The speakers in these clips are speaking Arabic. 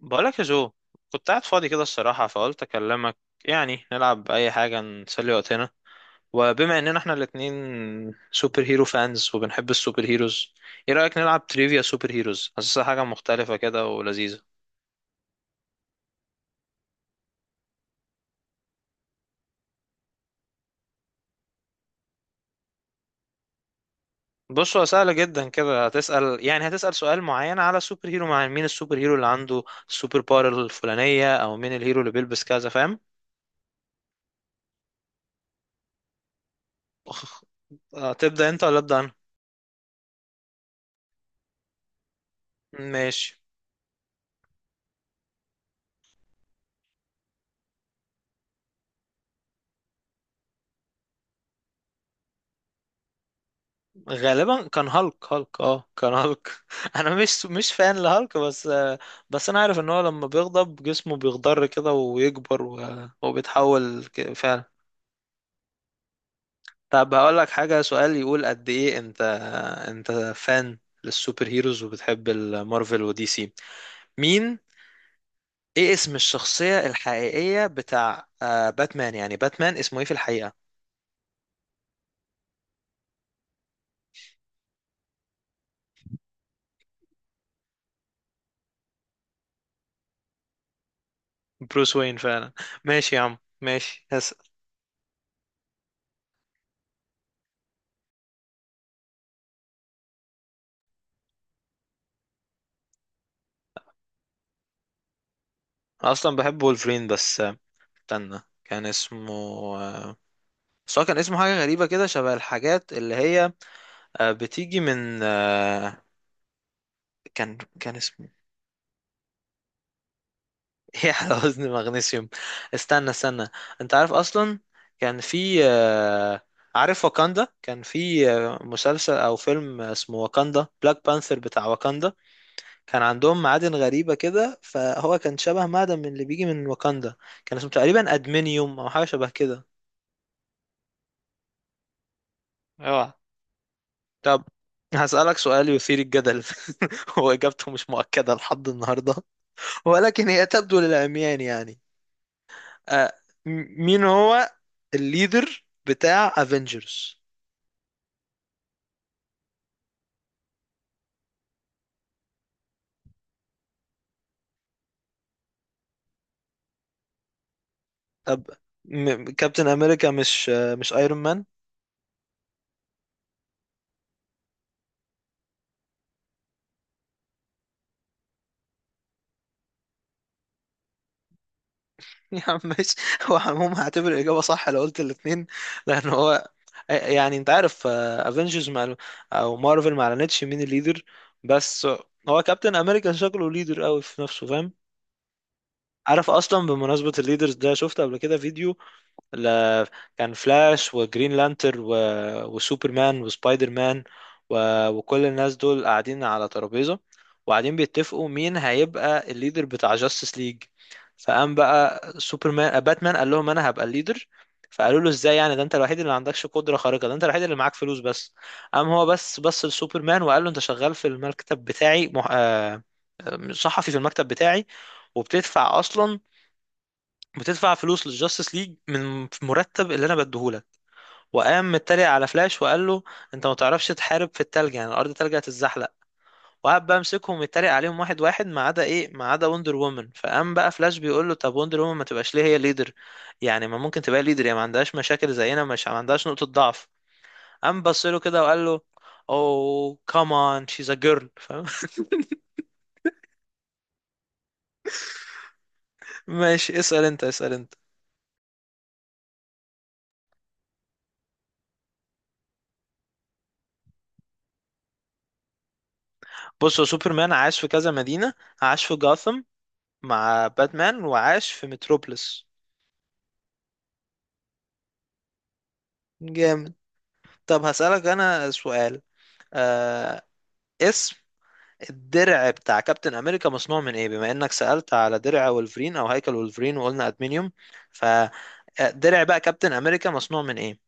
بقولك يا جو، كنت قاعد فاضي كده الصراحة، فقلت أكلمك. يعني نلعب أي حاجة نسلي وقتنا، وبما إننا إحنا الاتنين سوبر هيرو فانز وبنحب السوبر هيروز، إيه رأيك نلعب تريفيا سوبر هيروز؟ حاسسها حاجة مختلفة كده ولذيذة. بص، هو سهلة جدا كده، هتسأل يعني هتسأل سؤال معين على سوبر هيرو، مع مين السوبر هيرو اللي عنده السوبر باور الفلانية، أو مين الهيرو اللي بيلبس كذا، فاهم؟ تبدأ أنت ولا أبدأ أنا؟ ماشي. غالبا كان هالك هالك اه كان هالك انا مش فان لهالك، بس بس انا عارف ان هو لما بيغضب جسمه بيخضر كده ويكبر و- وبيتحول فعلا. طب هقول لك حاجة، سؤال يقول قد ايه انت فان للسوبر هيروز وبتحب المارفل ودي سي؟ مين ايه اسم الشخصية الحقيقية بتاع باتمان؟ يعني باتمان اسمه ايه في الحقيقة؟ بروس وين فعلا. ماشي يا عم، ماشي هسأل. أنا اصلا بحب وولفرين، بس استنى كان اسمه آه، بس هو كان اسمه حاجة غريبة كده، شبه الحاجات اللي هي بتيجي من كان اسمه. ايه على وزن مغنيسيوم؟ استنى استنى، انت عارف اصلا، كان في عارف واكاندا؟ كان في مسلسل او فيلم اسمه واكاندا، بلاك بانثر بتاع واكاندا، كان عندهم معادن غريبة كده، فهو كان شبه معدن من اللي بيجي من واكاندا، كان اسمه تقريبا ادمنيوم او حاجة شبه كده. اوعى. طب هسألك سؤال يثير الجدل، وإجابته مش مؤكدة لحد النهاردة، ولكن هي تبدو للعميان يعني. آه م- مين هو الليدر بتاع افنجرز؟ طب كابتن امريكا مش ايرون مان؟ يا عم ماشي، هو عموما هعتبر الاجابه صح لو قلت الاثنين، لان هو يعني انت عارف افنجرز مع مارفل ما اعلنتش مين الليدر، بس هو كابتن امريكا شكله ليدر قوي في نفسه، فاهم. عارف اصلا، بمناسبه الليدرز ده، شفت قبل كده فيديو ل... كان فلاش وجرين لانتر و... وسوبرمان وسبايدر مان و... وكل الناس دول قاعدين على ترابيزه، وقاعدين بيتفقوا مين هيبقى الليدر بتاع جاستس ليج. فقام بقى سوبرمان، باتمان قال لهم انا هبقى الليدر، فقالوا له ازاي يعني؟ ده انت الوحيد اللي ما عندكش قدره خارقه، ده انت الوحيد اللي معاك فلوس بس. قام هو بس بص لسوبرمان وقال له انت شغال في المكتب بتاعي مح... آه، صحفي في المكتب بتاعي، وبتدفع اصلا، بتدفع فلوس للجاستس ليج من مرتب اللي انا بديهولك. وقام متريق على فلاش وقال له انت ما تعرفش تحارب في التلج، يعني الارض تلج هتتزحلق. وقعد بقى امسكهم يتريق عليهم واحد واحد، ما عدا ايه، ما عدا وندر وومن. فقام بقى فلاش بيقول له، طب وندر وومن ما تبقاش ليه هي ليدر؟ يعني ما ممكن تبقى ليدر، يعني ما عندهاش مشاكل زينا، مش ما عندهاش نقطة ضعف. قام بص له كده وقال له، اوه كمان شيز ا جيرل، فاهم؟ ماشي اسأل انت، اسأل انت. بص، هو سوبرمان عاش في كذا مدينة، عاش في جاثم مع باتمان، وعاش في متروبوليس. جامد. طب هسألك أنا سؤال، آه، اسم الدرع بتاع كابتن أمريكا مصنوع من إيه، بما إنك سألت على درع ولفرين أو هيكل ولفرين وقلنا أدمنيوم، فدرع بقى كابتن أمريكا مصنوع من إيه؟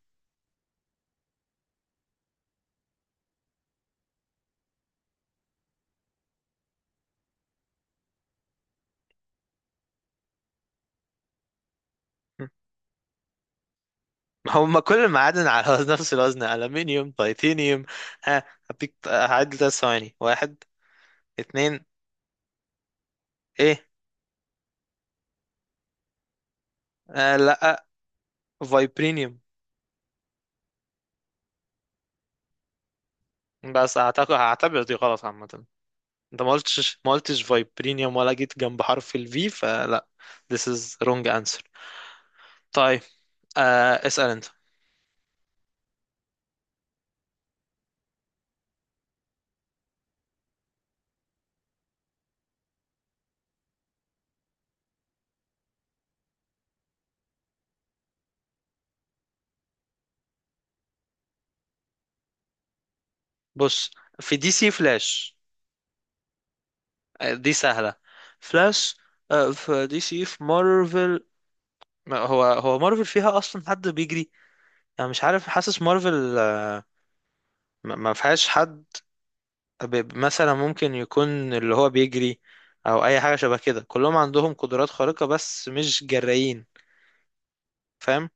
هم كل المعادن على نفس الوزن، ألمنيوم تيتانيوم. آه، هديك هعد 3 ثواني. واحد، اتنين، إيه؟ لأ، فايبرينيوم. بس أعتقد هعتبر دي غلط عامة، انت ما قلتش فايبرينيوم ولا جيت جنب حرف الفي، فلا. This is wrong answer. طيب، اسأل انت. بص، في دي سي فلاش. دي سهلة، فلاش. في دي سي، في مارفل ما هو، هو مارفل فيها اصلا حد بيجري؟ انا مش عارف، حاسس مارفل ما فيهاش حد. مثلا ممكن يكون اللي هو بيجري، او اي حاجة شبه كده. كلهم عندهم قدرات خارقة بس مش جرايين، فاهم؟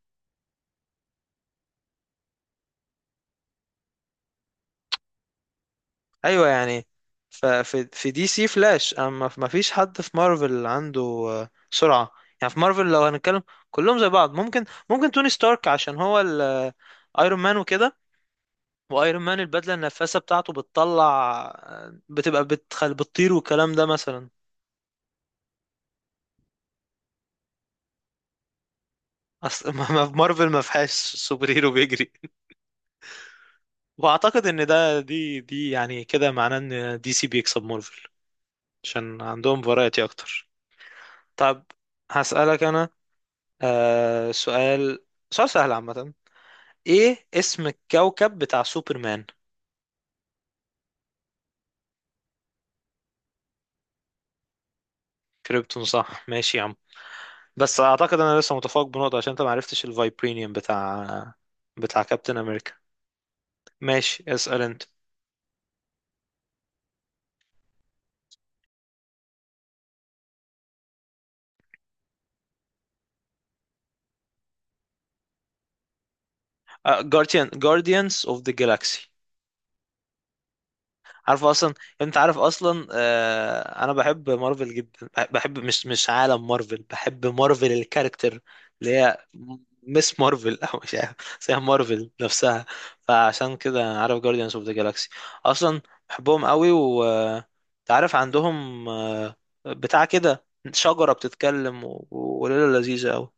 ايوه يعني في دي سي فلاش، اما ما فيش حد في مارفل عنده سرعه. يعني في مارفل لو هنتكلم كلهم زي بعض، ممكن توني ستارك عشان هو الايرون مان وكده، وايرون مان البدله النفاثه بتاعته بتطلع بتبقى بتخل بتطير، والكلام ده مثلا. اصل ما في مارفل، ما فيهاش سوبر هيرو بيجري. واعتقد ان ده دي يعني كده معناه ان دي سي بيكسب مارفل عشان عندهم فرايتي اكتر. طب هسألك انا سؤال، سؤال سهل عامة، ايه اسم الكوكب بتاع سوبرمان؟ كريبتون، صح، ماشي يا عم. بس اعتقد انا لسه متفوق بنقطة، عشان انت معرفتش الفايبرينيوم بتاع كابتن امريكا. ماشي اسأل انت. جارديانز اوف ذا جالاكسي. عارف اصلا، انت عارف اصلا، انا بحب مارفل جدا، بحب مش عالم مارفل، بحب مارفل الكاركتر، اللي هي مس مارفل او مش عارف، بس هي مارفل نفسها. فعشان كده عارف جارديانز اوف ذا جالاكسي اصلا، بحبهم قوي، و أنت عارف عندهم، بتاع كده، شجرة بتتكلم، و- وليلة لذيذة قوي،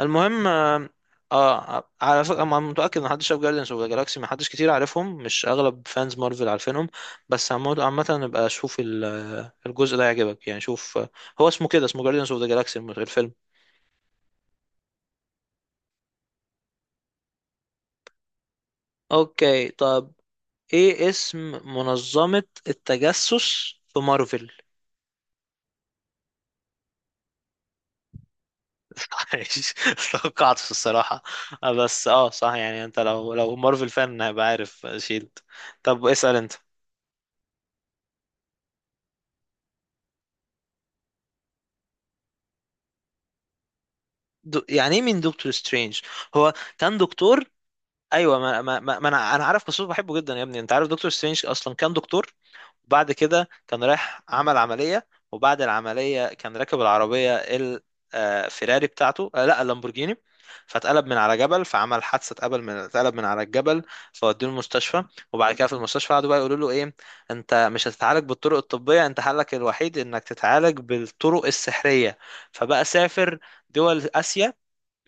المهم. على فكرة أنا متأكد إن محدش شاف جارديانز أوف ذا جالاكسي، محدش كتير عارفهم، مش أغلب فانز مارفل عارفينهم. بس عامة نبقى شوف الجزء ده يعجبك، يعني شوف، هو اسمه كده، اسمه جارديانز أوف ذا جالاكسي الفيلم. أوكي. طب إيه اسم منظمة التجسس في مارفل؟ عايش. توقعتش الصراحة. بس صح، يعني انت لو مارفل فان هيبقى عارف شيلد. طب اسأل انت. يعني ايه مين دكتور سترينج؟ هو كان دكتور. ايوه، ما انا عارف، بس بحبه جدا يا ابني. انت عارف دكتور سترينج اصلا كان دكتور، بعد كده كان رايح عمل عمليه، وبعد العمليه كان راكب العربيه الفيراري بتاعته، لا، اللامبورجيني، فاتقلب من على جبل، فعمل حادثه، اتقلب من على الجبل، فودوه المستشفى. وبعد كده في المستشفى قعدوا بقى يقولوا له ايه، انت مش هتتعالج بالطرق الطبيه، انت حلك الوحيد انك تتعالج بالطرق السحريه. فبقى سافر دول اسيا،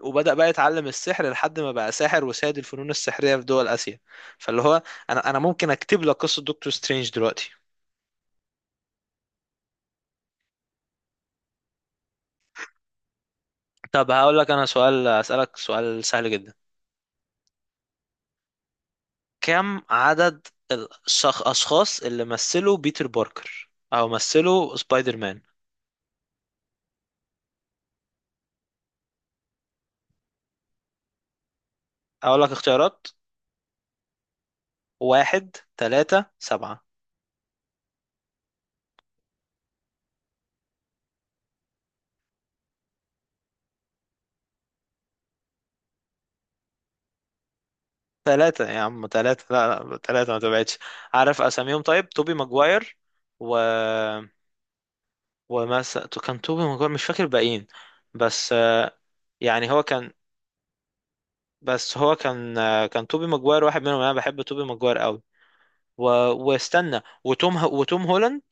وبدأ بقى يتعلم السحر لحد ما بقى ساحر وسيد الفنون السحرية في دول آسيا. فاللي هو أنا ممكن أكتب لك قصة دكتور سترينج دلوقتي. طب هقول لك أنا سؤال أسألك سؤال سهل جدا، كم عدد الأشخاص اللي مثلوا بيتر باركر أو مثلوا سبايدر مان؟ أقول لك اختيارات، واحد، تلاتة، سبعة. تلاتة يا عم، تلاتة، لا لا، تلاتة ما تبعدش. عارف أساميهم؟ طيب توبي ماجواير، و كان توبي ماجواير، مش فاكر باقيين بس. يعني هو كان، كان توبي ماجواير واحد منهم، انا بحب توبي ماجواير قوي، و... واستنى، وتوم هولاند،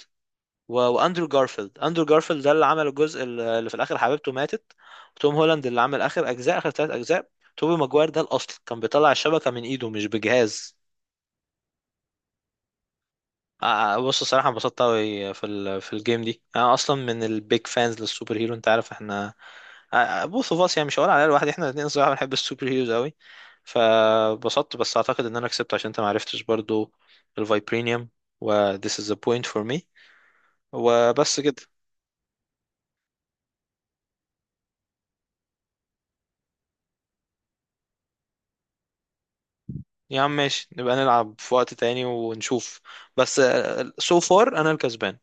و... واندرو جارفيلد. اندرو جارفيلد ده اللي عمل الجزء اللي في الاخر، حبيبته ماتت. وتوم هولاند اللي عمل اخر 3 اجزاء. توبي ماجواير ده الاصل، كان بيطلع الشبكه من ايده مش بجهاز. بص الصراحة انبسطت أوي في ال في الجيم دي. أنا أصلا من البيج فانز للسوبر هيرو، أنت عارف احنا بوث اوف اس، يعني مش هقول عليها لوحدي، احنا الاتنين الصراحة بنحب السوبر هيروز أوي. فبسطت، بس أعتقد إن أنا كسبت، عشان أنت معرفتش برضو الفايبرينيوم، و this is the point for me، وبس كده. يا عم ماشي، نبقى نلعب في وقت تاني ونشوف، بس so far أنا الكسبان.